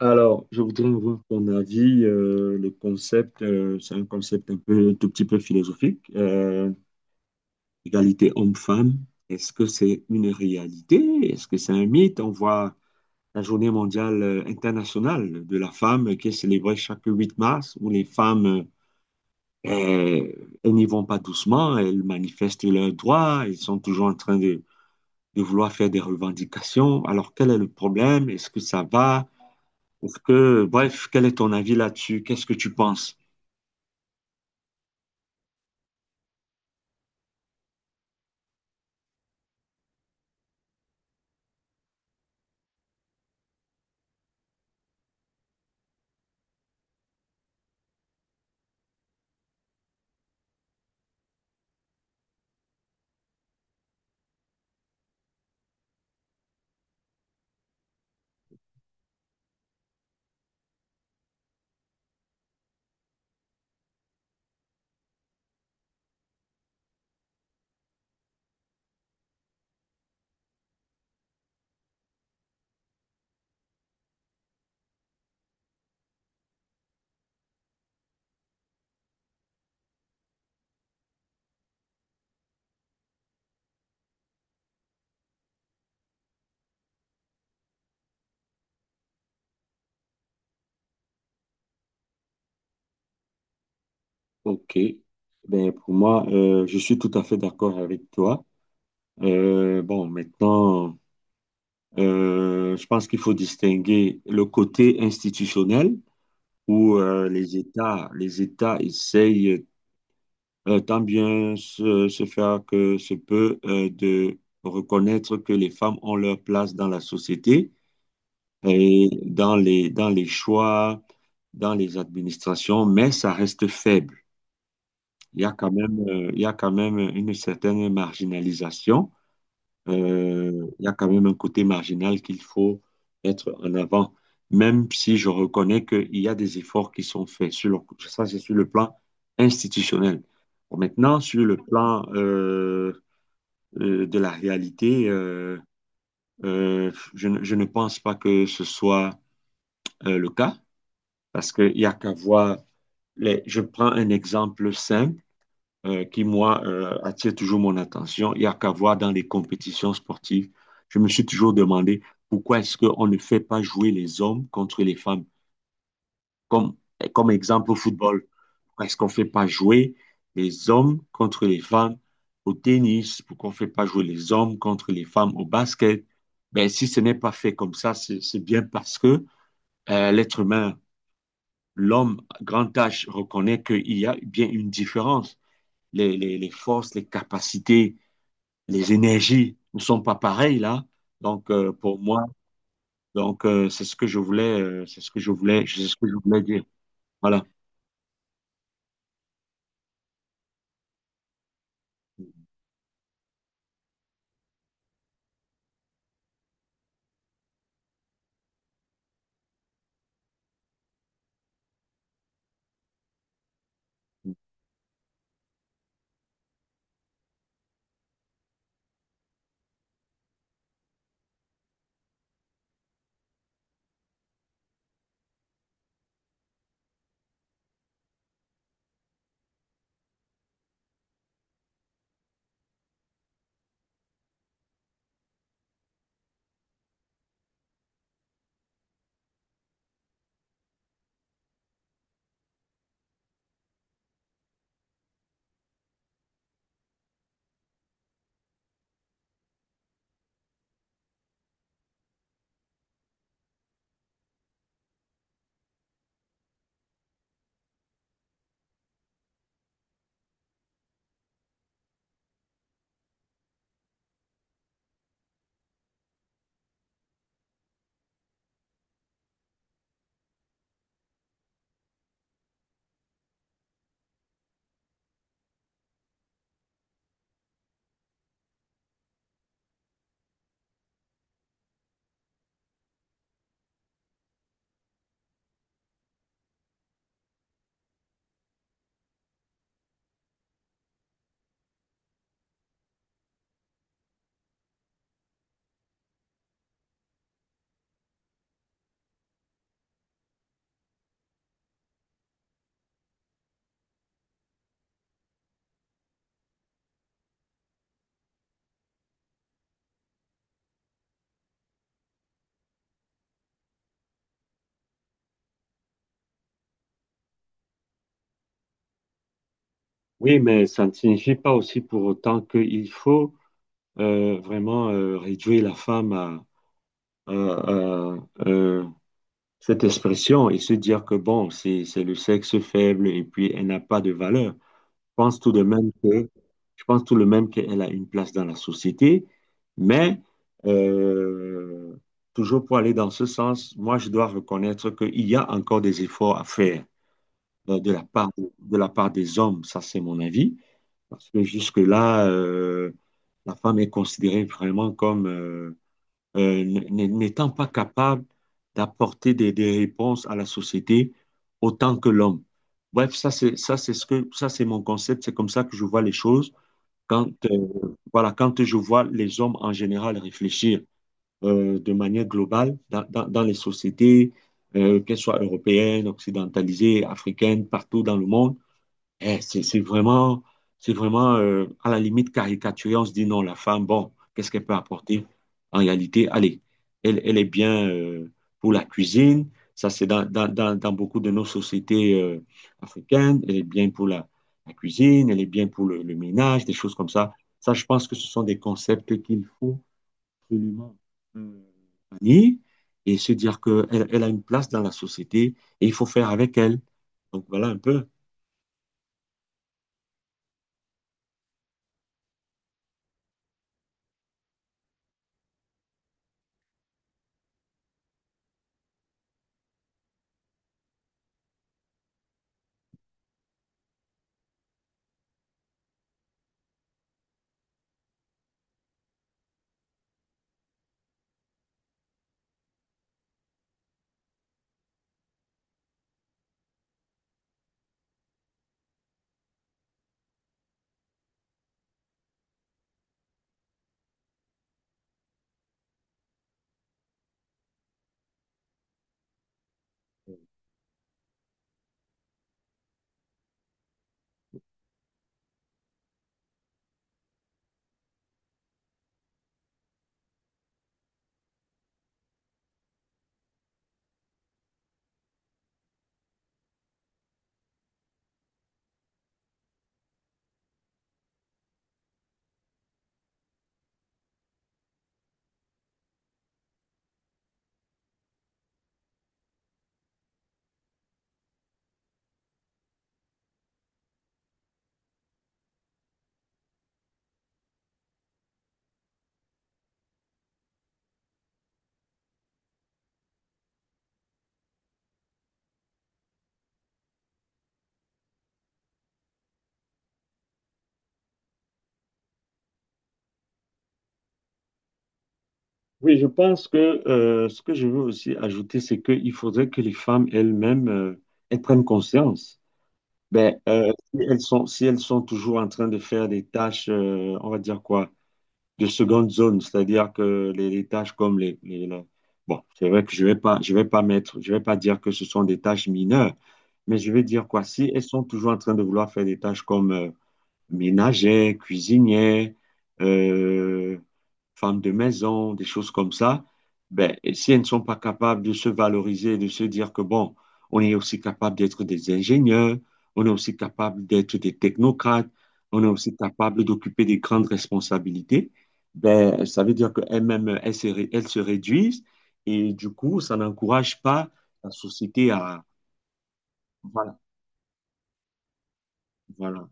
Alors, je voudrais avoir ton avis. Le concept, c'est un concept un peu, un tout petit peu philosophique. Égalité homme-femme, est-ce que c'est une réalité? Est-ce que c'est un mythe? On voit la journée mondiale internationale de la femme qui est célébrée chaque 8 mars, où les femmes, euh, elles n'y vont pas doucement, elles manifestent leurs droits, elles sont toujours en train de vouloir faire des revendications. Alors, quel est le problème? Est-ce que ça va? Est-ce que, bref, quel est ton avis là-dessus? Qu'est-ce que tu penses? Ok. Ben, pour moi, je suis tout à fait d'accord avec toi. Bon, maintenant, je pense qu'il faut distinguer le côté institutionnel où les États essayent tant bien se faire que se peut de reconnaître que les femmes ont leur place dans la société et dans les choix, dans les administrations, mais ça reste faible. Il y a quand même, il y a quand même une certaine marginalisation. Il y a quand même un côté marginal qu'il faut mettre en avant, même si je reconnais qu'il y a des efforts qui sont faits. Ça, c'est sur le plan institutionnel. Bon, maintenant, sur le plan de la réalité, je ne pense pas que ce soit le cas. Parce qu'il n'y a qu'à voir, les... je prends un exemple simple qui, moi, attire toujours mon attention. Il n'y a qu'à voir dans les compétitions sportives. Je me suis toujours demandé pourquoi est-ce qu'on ne fait pas jouer les hommes contre les femmes. Comme, comme exemple au football, pourquoi est-ce qu'on ne fait pas jouer les hommes contre les femmes au tennis? Pourquoi on ne fait pas jouer les hommes contre les femmes au basket? Ben, si ce n'est pas fait comme ça, c'est bien parce que l'être humain l'homme grand H reconnaît qu'il y a bien une différence. Les forces, les capacités, les énergies ne sont pas pareilles là. Donc pour moi, donc c'est ce que je voulais, c'est ce que je voulais dire. Voilà. Oui, mais ça ne signifie pas aussi pour autant qu'il faut vraiment réduire la femme à euh, cette expression et se dire que bon, c'est le sexe faible et puis elle n'a pas de valeur. Pense tout de même que, je pense tout de même qu'elle a une place dans la société, mais euh, toujours pour aller dans ce sens, moi, je dois reconnaître qu'il y a encore des efforts à faire euh, de la part, de la part des hommes, ça c'est mon avis, parce que jusque-là, la femme est considérée vraiment comme... n'étant pas capable d'apporter des réponses à la société autant que l'homme. Bref, ça c'est mon concept, c'est comme ça que je vois les choses quand voilà quand je vois les hommes en général réfléchir de manière globale dans les sociétés qu'elles soient européennes, occidentalisées, africaines, partout dans le monde. Eh, c'est vraiment, c'est vraiment à la limite caricaturé. On se dit non, la femme, bon, qu'est-ce qu'elle peut apporter? En réalité, allez, elle, elle est bien pour la cuisine. Ça, c'est dans beaucoup de nos sociétés africaines. Elle est bien pour la, la cuisine, elle est bien pour le ménage, des choses comme ça. Ça, je pense que ce sont des concepts qu'il faut absolument euh, bannir et se dire qu'elle elle elle a une place dans la société et il faut faire avec elle. Donc, voilà un peu. Oui, je pense que ce que je veux aussi ajouter, c'est qu'il faudrait que les femmes elles-mêmes elles prennent conscience. Ben, si elles sont, si elles sont toujours en train de faire des tâches, on va dire quoi, de seconde zone, c'est-à-dire que les tâches comme les, Bon, c'est vrai que je vais pas mettre, je vais pas dire que ce sont des tâches mineures, mais je vais dire quoi, si elles sont toujours en train de vouloir faire des tâches comme ménagère, cuisinière, euh, femme de maison, des choses comme ça, ben, et si elles ne sont pas capables de se valoriser, de se dire que bon, on est aussi capable d'être des ingénieurs, on est aussi capable d'être des technocrates, on est aussi capable d'occuper des grandes responsabilités, ben, ça veut dire qu'elles-mêmes, elles se réduisent et du coup, ça n'encourage pas la société à... Voilà, voilà.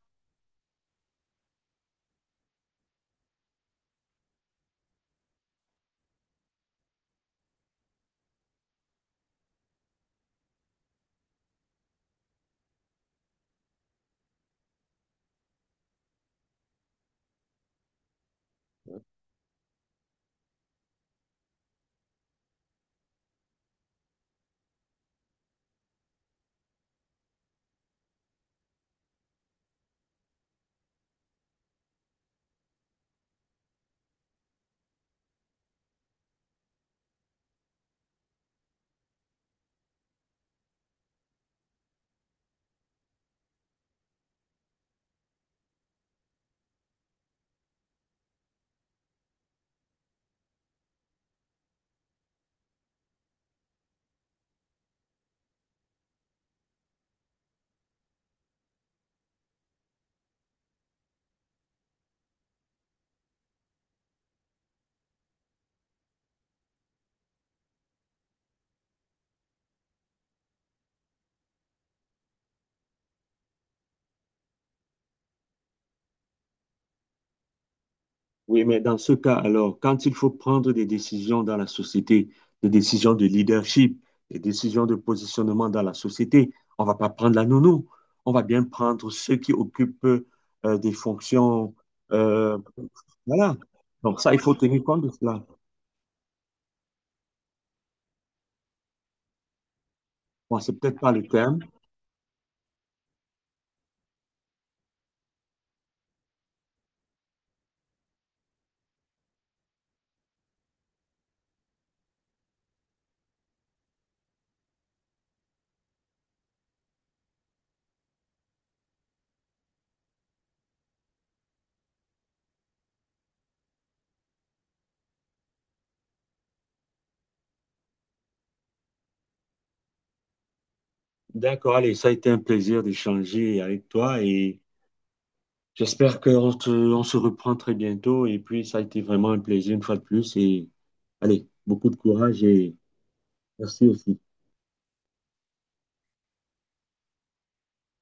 Oui, mais dans ce cas, alors, quand il faut prendre des décisions dans la société, des décisions de leadership, des décisions de positionnement dans la société, on ne va pas prendre la nounou. On va bien prendre ceux qui occupent des fonctions. euh, voilà. Donc, ça, il faut tenir compte de cela. Bon, c'est peut-être pas le terme. D'accord, allez, ça a été un plaisir d'échanger avec toi et on se reprend très bientôt. Et puis, ça a été vraiment un plaisir une fois de plus. Et allez, beaucoup de courage et. Merci aussi.